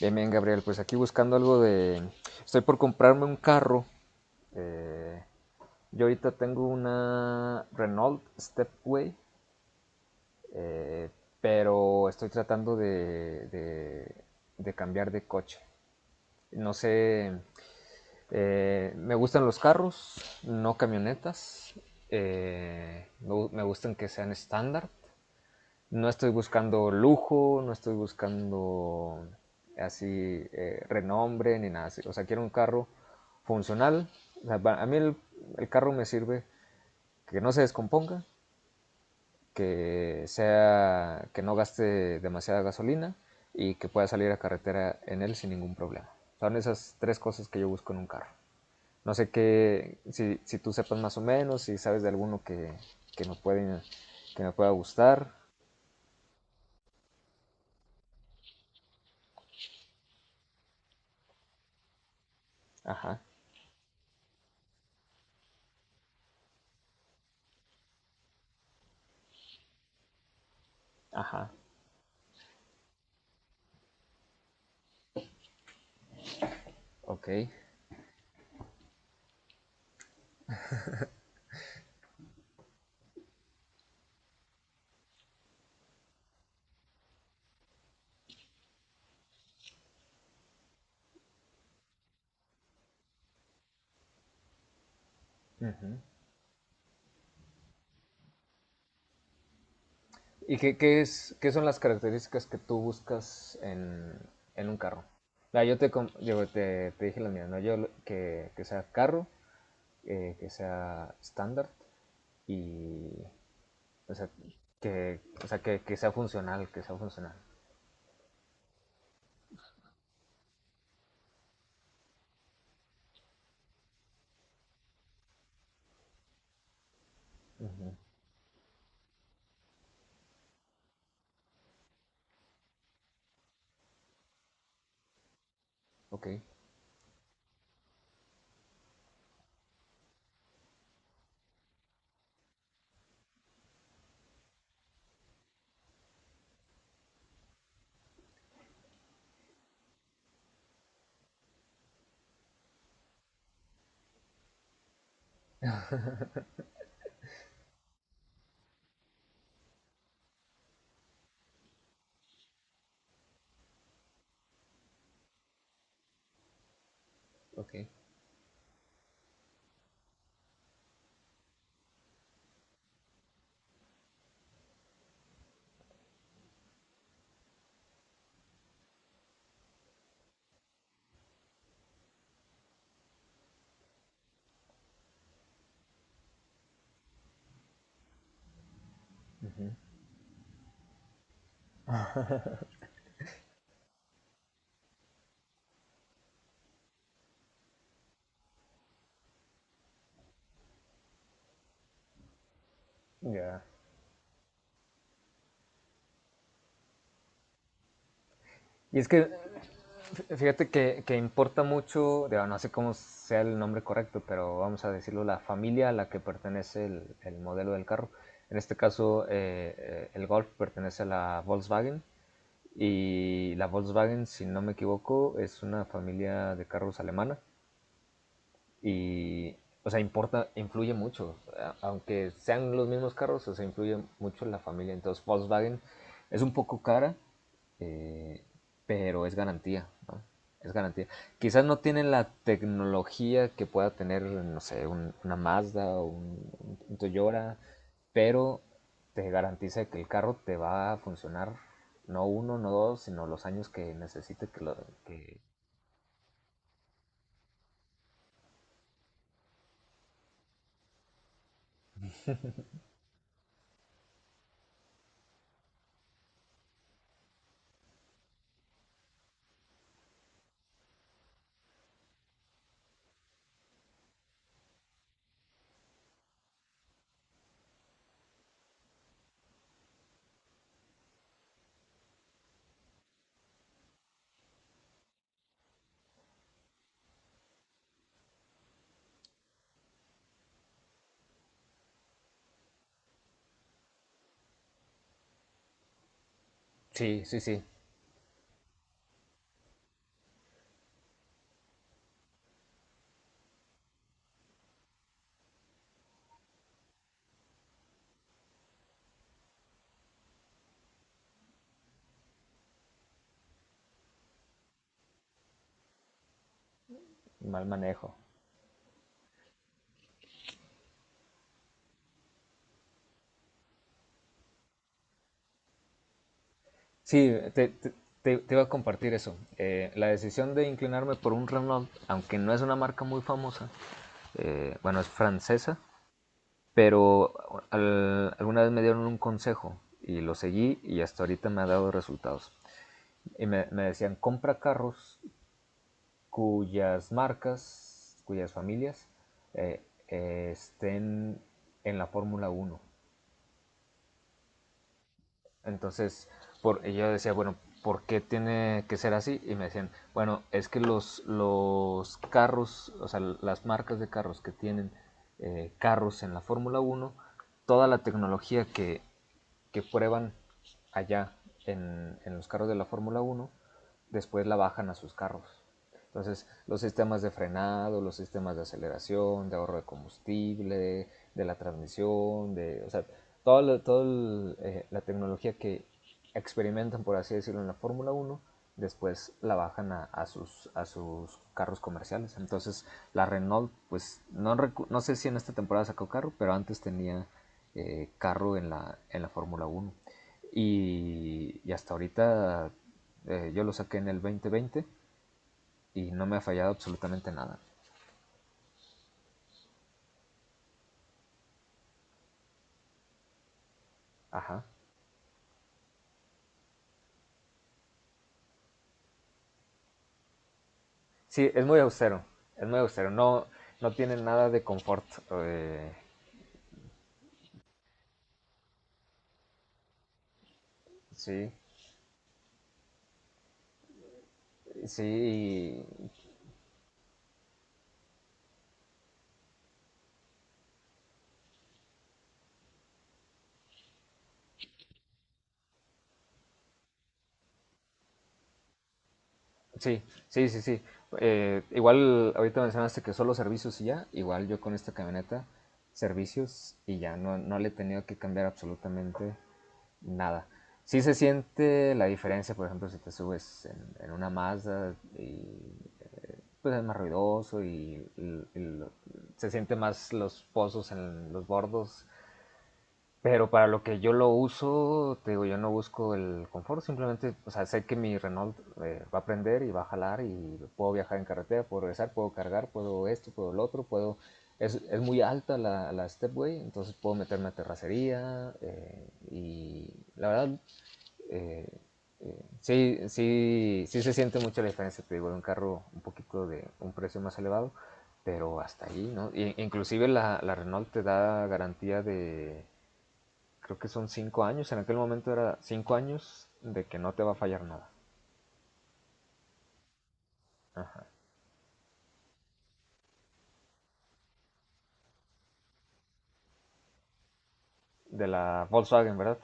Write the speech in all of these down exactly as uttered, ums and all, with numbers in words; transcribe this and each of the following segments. Bien, bien, Gabriel, pues aquí buscando algo de... Estoy por comprarme un carro. eh, yo ahorita tengo una Renault Stepway. eh, pero estoy tratando de, de- de cambiar de coche. No sé, eh, me gustan los carros, no camionetas. eh, me me gustan que sean estándar. No estoy buscando lujo, no estoy buscando así eh, renombre ni nada así. O sea, quiero un carro funcional. O sea, a mí el, el carro me sirve que no se descomponga, que sea, que no gaste demasiada gasolina y que pueda salir a carretera en él sin ningún problema. Son esas tres cosas que yo busco en un carro. No sé qué, si, si tú sepas más o menos, si sabes de alguno que, que me puede, que me pueda gustar. Ajá, ajá. Ok. Ujú. ¿Y qué, qué es, qué son las características que tú buscas en, en un carro? Ah, yo te, com- yo te, te dije la mía, ¿no? Yo lo- que, que sea carro, eh, que sea estándar y, o sea, que, o sea que, que sea funcional, que sea funcional. Ujú. Ok, ok, ya. Y es que fíjate que, que importa mucho, digo, no sé cómo sea el nombre correcto, pero vamos a decirlo, la familia a la que pertenece el, el modelo del carro. En este caso, eh, eh, el Golf pertenece a la Volkswagen y la Volkswagen, si no me equivoco, es una familia de carros alemana. Y, o sea, importa, influye mucho. Aunque sean los mismos carros, o sea, influye mucho la familia. Entonces, Volkswagen es un poco cara, eh, pero es garantía, ¿no? Es garantía. Quizás no tienen la tecnología que pueda tener, no sé, un- una Mazda o un, un Toyota, pero te garantiza que el carro te va a funcionar no uno, no dos, sino los años que necesite que lo... Que... Sí, sí, sí, mal manejo. Sí, te, te, te- te iba a compartir eso. Eh, la decisión de inclinarme por un Renault, aunque no es una marca muy famosa, eh, bueno, es francesa, pero al- alguna vez me dieron un consejo y lo seguí y hasta ahorita me ha dado resultados. Y me, me decían, compra carros cuyas marcas, cuyas familias eh, eh, estén en la Fórmula Uno. Entonces, por, yo decía, bueno, ¿por qué tiene que ser así? Y me decían, bueno, es que los, los carros, o sea, las marcas de carros que tienen eh, carros en la Fórmula uno, toda la tecnología que que prueban allá en, en los carros de la Fórmula Uno después la bajan a sus carros. Entonces, los sistemas de frenado, los sistemas de aceleración, de ahorro de combustible, de la transmisión, de, o sea, toda todo eh, la tecnología que experimentan, por así decirlo, en la Fórmula Uno después la bajan a, a, sus, a sus carros comerciales. Entonces, la Renault, pues, no, no sé si en esta temporada sacó carro, pero antes tenía eh, carro en la, en la Fórmula Uno. Y, y hasta ahorita eh, yo lo saqué en el veinte veinte y no me ha fallado absolutamente nada. Ajá. Sí, es muy austero. Es muy austero. No, no tiene nada de confort. eh, sí, sí, sí, sí, sí, sí. Eh, igual ahorita mencionaste que solo servicios y ya. Igual yo con esta camioneta, servicios y ya. No, no le he tenido que cambiar absolutamente nada. Sí se siente la diferencia, por ejemplo, si te subes en, en una Mazda y eh, pues es más ruidoso y, y- y lo- se siente más los pozos en los bordos. Pero para lo que yo lo uso, te digo, yo no busco el confort, simplemente, o sea, sé que mi Renault eh, va a prender y va a jalar y puedo viajar en carretera, puedo regresar, puedo cargar, puedo esto, puedo lo otro, puedo... Es, es muy alta la, la stepway, entonces puedo meterme a terracería eh, y la verdad, eh, eh, sí, sí, sí se siente mucho la diferencia, te digo, de un carro un poquito de un precio más elevado, pero hasta ahí, ¿no? I- inclusive la, la Renault te da garantía de, creo que son cinco años, en aquel momento era cinco años de que no te va a fallar nada. Ajá. De la Volkswagen, ¿verdad?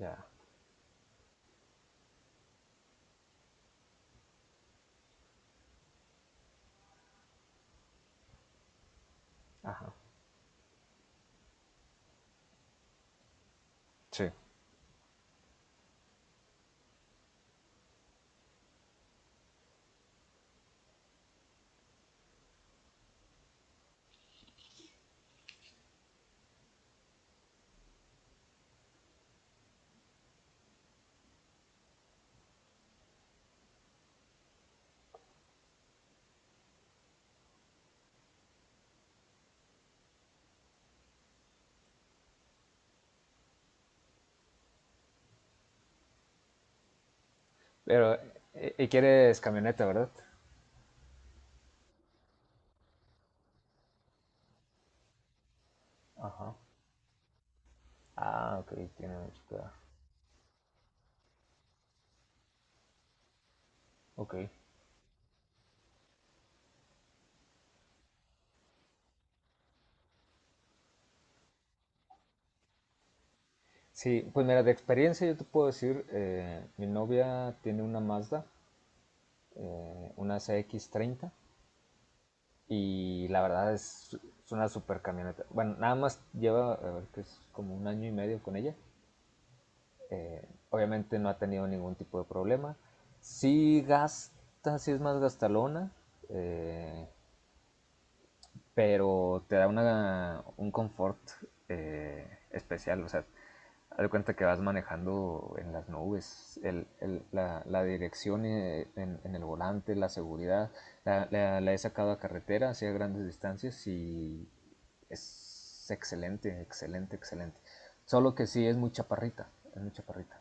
Ya. Ajá. Sí. Pero, eh, ¿y quieres camioneta, verdad? Ajá. Ah, ok, tiene mucho que dar. Ok. Sí, pues mira, de experiencia yo te puedo decir, eh, mi novia tiene una Mazda, eh, una C X treinta, y la verdad es, es una super camioneta. Bueno, nada más lleva, a ver, que es como un año y medio con ella. Eh, Obviamente no ha tenido ningún tipo de problema. Sí gasta, sí es más gastalona, eh, pero te da una, un confort eh, especial. O sea, haz de cuenta que vas manejando en las nubes, el- el- la, la dirección, eh, en, en el volante, la seguridad. La, la- la he sacado a carretera, hacia grandes distancias, y es excelente, excelente, excelente. Solo que sí es muy chaparrita, es muy chaparrita.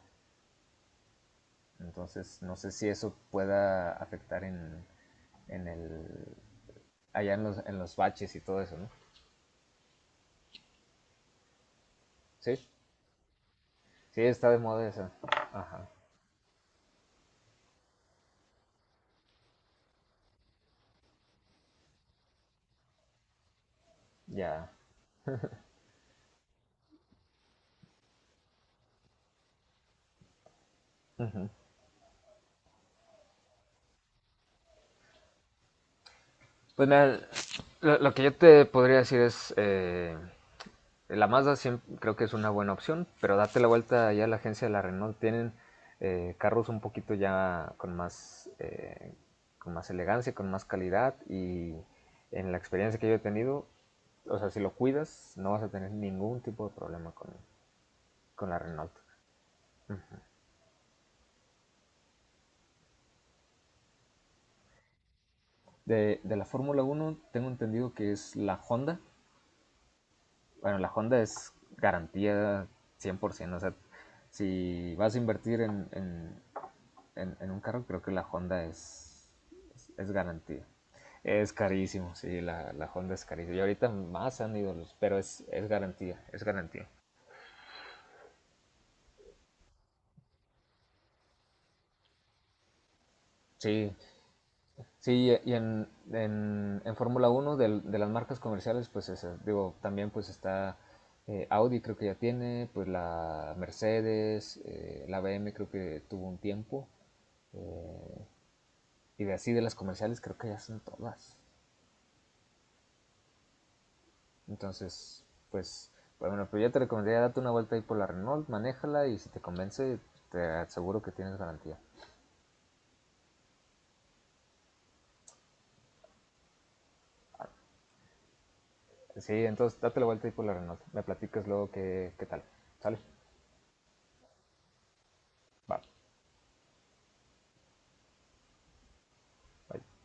Entonces no sé si eso pueda afectar en, en el, allá en los, en los baches y todo eso, ¿no? Sí, sí, está de moda esa. Ajá, ya. Ujú. Pues mira, lo, lo que yo te podría decir es, eh, la Mazda siempre, creo que es una buena opción, pero date la vuelta ya a la agencia de la Renault. Tienen eh, carros un poquito ya con más, eh, con más elegancia, con más calidad y en la experiencia que yo he tenido, o sea, si lo cuidas, no vas a tener ningún tipo de problema con, con la Renault. De, de la Fórmula Uno tengo entendido que es la Honda. Bueno, la Honda es garantía cien por ciento. O sea, si vas a invertir en, en- en- en un carro, creo que la Honda es, es, es garantía. Es carísimo, sí, la, la Honda es carísima. Y ahorita más han ido los, pero es, es garantía, es garantía. Sí, sí, y en, en, en Fórmula Uno, del- de, las marcas comerciales, pues esas, digo, también pues está eh, Audi, creo que ya tiene, pues la Mercedes, eh, la B M creo que tuvo un tiempo, eh, y de así de las comerciales creo que ya son todas. Entonces, pues, pues, bueno, pero yo te recomendaría darte una vuelta ahí por la Renault, manéjala y si te convence, te aseguro que tienes garantía. Sí, entonces date la vuelta ahí por la Renault, me platicas luego qué, qué tal. ¿Sale? Va, bye.